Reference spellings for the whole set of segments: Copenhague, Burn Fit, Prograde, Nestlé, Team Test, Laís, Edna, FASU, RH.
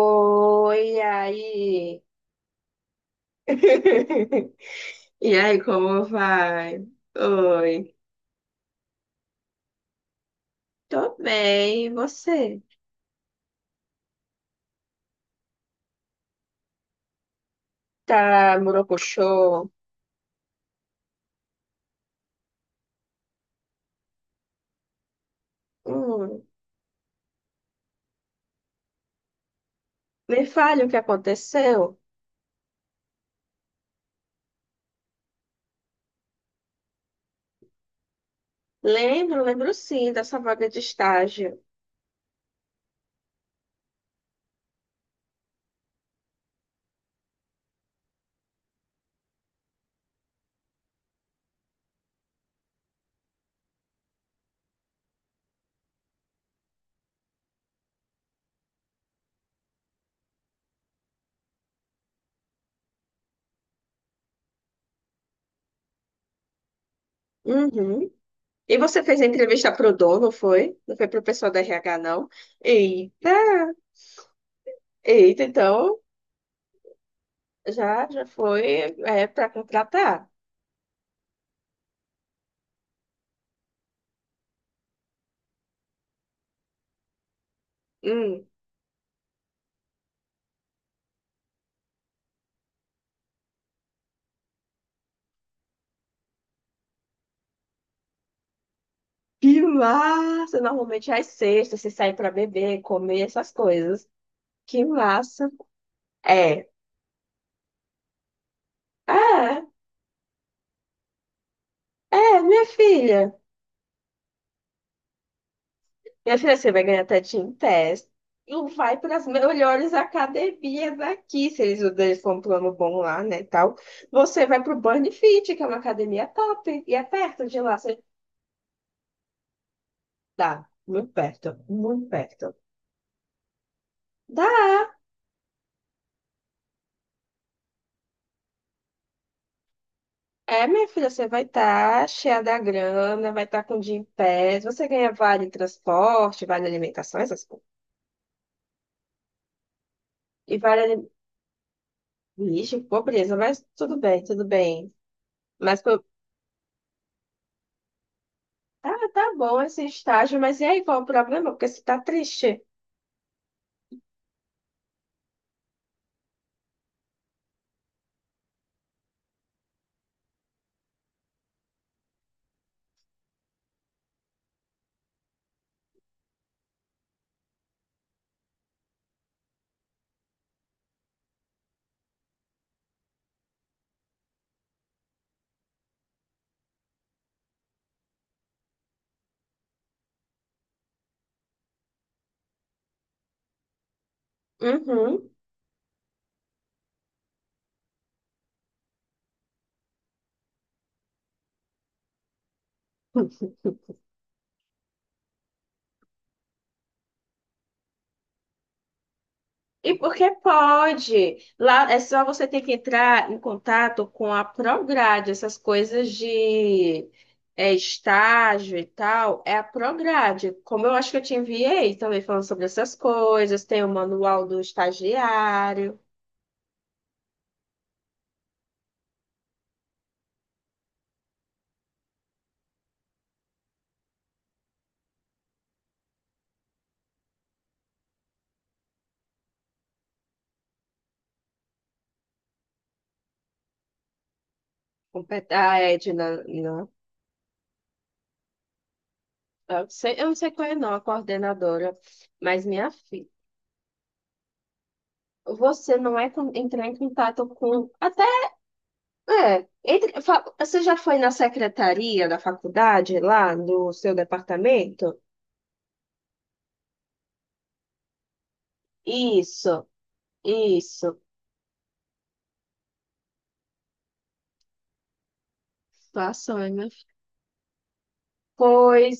Oi, aí. E aí, como vai? Oi. Tô bem, e você? Tá morocochô? Hum, me fale o que aconteceu. Lembro, sim dessa vaga de estágio. Uhum. E você fez a entrevista pro dono, foi? Não foi pro pessoal da RH, não? Eita! Eita, então já foi, é, para contratar. Hum. Que massa! Normalmente às sextas você sai pra beber, comer essas coisas. Que massa! É, é, é, minha filha. Minha filha, você vai ganhar até Team Test. E vai para as melhores academias aqui, se eles usam um plano bom lá, né, tal. Você vai pro Burn Fit, que é uma academia top. E é perto de lá, você dá. Muito perto, muito perto. Dá. É, minha filha, você vai estar cheia da grana, vai estar com o dia em pé. Você ganha vale transporte, vale alimentação, essas coisas. E lixo, pobreza, mas tudo bem, tudo bem. Mas pô, tá bom esse estágio, mas e aí qual o problema? Porque você tá triste. Uhum. E porque pode. Lá é só você ter que entrar em contato com a Prograde, essas coisas de, estágio e tal. É a Prograde. Como eu acho que eu te enviei também falando sobre essas coisas, tem o manual do estagiário, a Edna, não, eu não sei qual é não, a coordenadora, mas minha filha. Você não é com- entrar em contato com até é, entre, você já foi na secretaria da faculdade, lá no seu departamento? Isso, isso. Passou, hein, minha filha? Pois,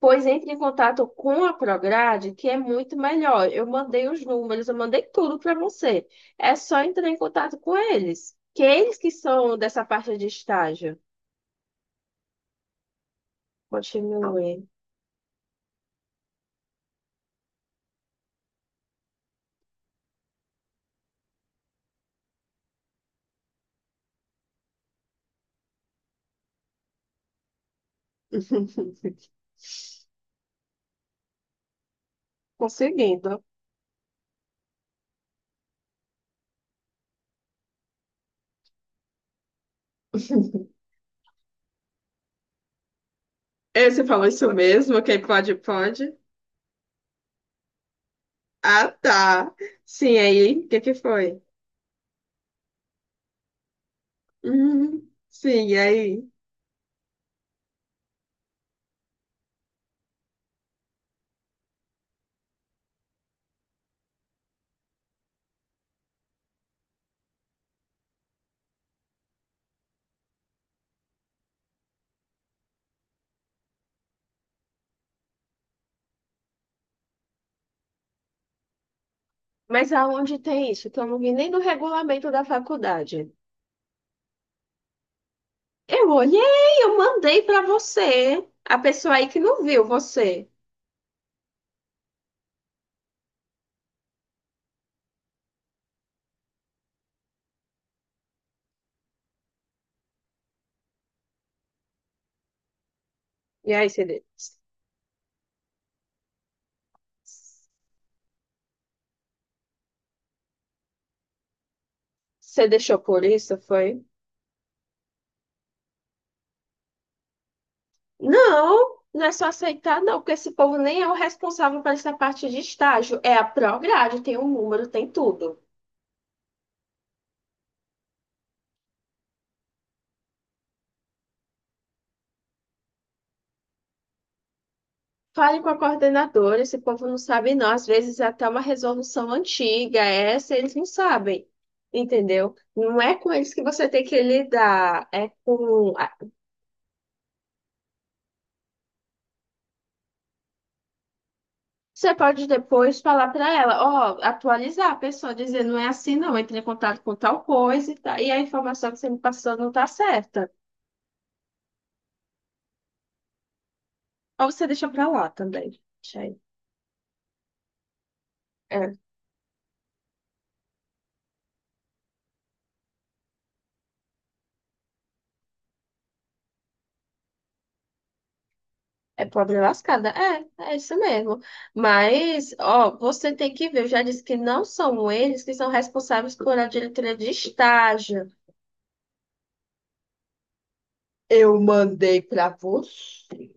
pois entre em contato com a Prograde, que é muito melhor. Eu mandei os números, eu mandei tudo para você. É só entrar em contato com eles, que é eles que são dessa parte de estágio. Continue conseguindo. É, você falou isso mesmo? Quem pode, pode. Ah, tá. Sim, aí, o que que foi? Uhum. Sim, e aí? Mas aonde tem isso? Que eu não vi nem no regulamento da faculdade. Eu olhei, eu mandei para você. A pessoa aí que não viu você. E aí, você, você deixou por isso, foi? Não, não é só aceitar, não, porque esse povo nem é o responsável por essa parte de estágio. É a Prograde, tem um número, tem tudo. Fale com a coordenadora, esse povo não sabe não. Às vezes é até uma resolução antiga, essa eles não sabem, entendeu? Não é com eles que você tem que lidar, é com... você pode depois falar para ela, ó, atualizar a pessoa, dizer, não é assim não, entre em contato com tal coisa e, tá, e a informação que você me passou não tá certa. Ou você deixa para lá também. Deixa aí. É. É pobre lascada. É, é isso mesmo. Mas, ó, você tem que ver. Eu já disse que não são eles que são responsáveis por a diretoria de estágio. Eu mandei para você.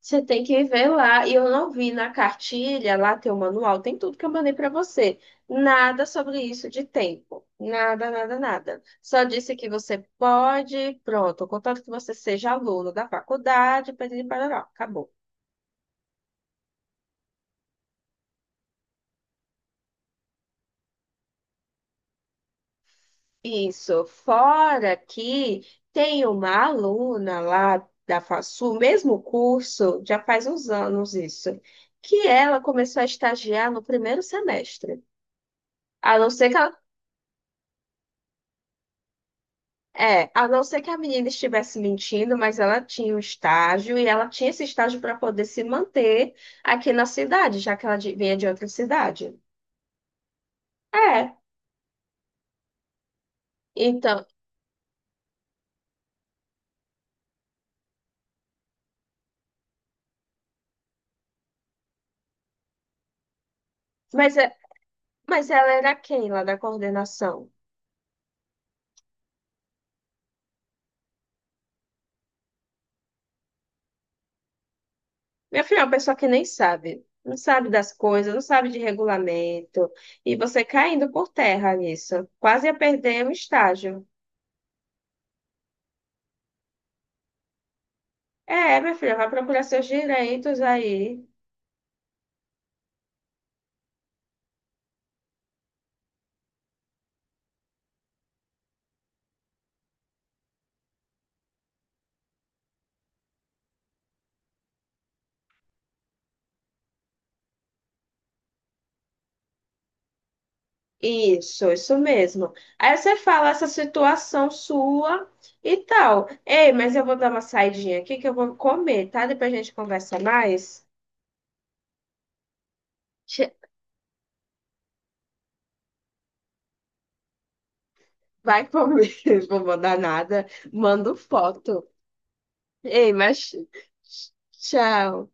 Você tem que ver lá. E eu não vi na cartilha, lá tem o manual, tem tudo que eu mandei para você. Nada sobre isso de tempo. Nada, nada, nada. Só disse que você pode, pronto, contanto que você seja aluno da faculdade, para acabou. Isso. Fora que tem uma aluna lá da FASU, mesmo curso, já faz uns anos isso, que ela começou a estagiar no primeiro semestre. A não ser que ela, é, a não ser que a menina estivesse mentindo, mas ela tinha um estágio e ela tinha esse estágio para poder se manter aqui na cidade, já que ela vinha de outra cidade. É, então, mas, é, mas ela era quem lá da coordenação? Meu filho é uma pessoa que nem sabe, não sabe das coisas, não sabe de regulamento, e você caindo por terra nisso, quase ia perder um estágio. É, minha filha, vai procurar seus direitos aí. Isso mesmo. Aí você fala essa situação sua e tal. Ei, mas eu vou dar uma saidinha aqui que eu vou comer, tá? Depois a gente conversa mais. Che- Vai comer, vou mandar nada, mando foto. Ei, mas tchau.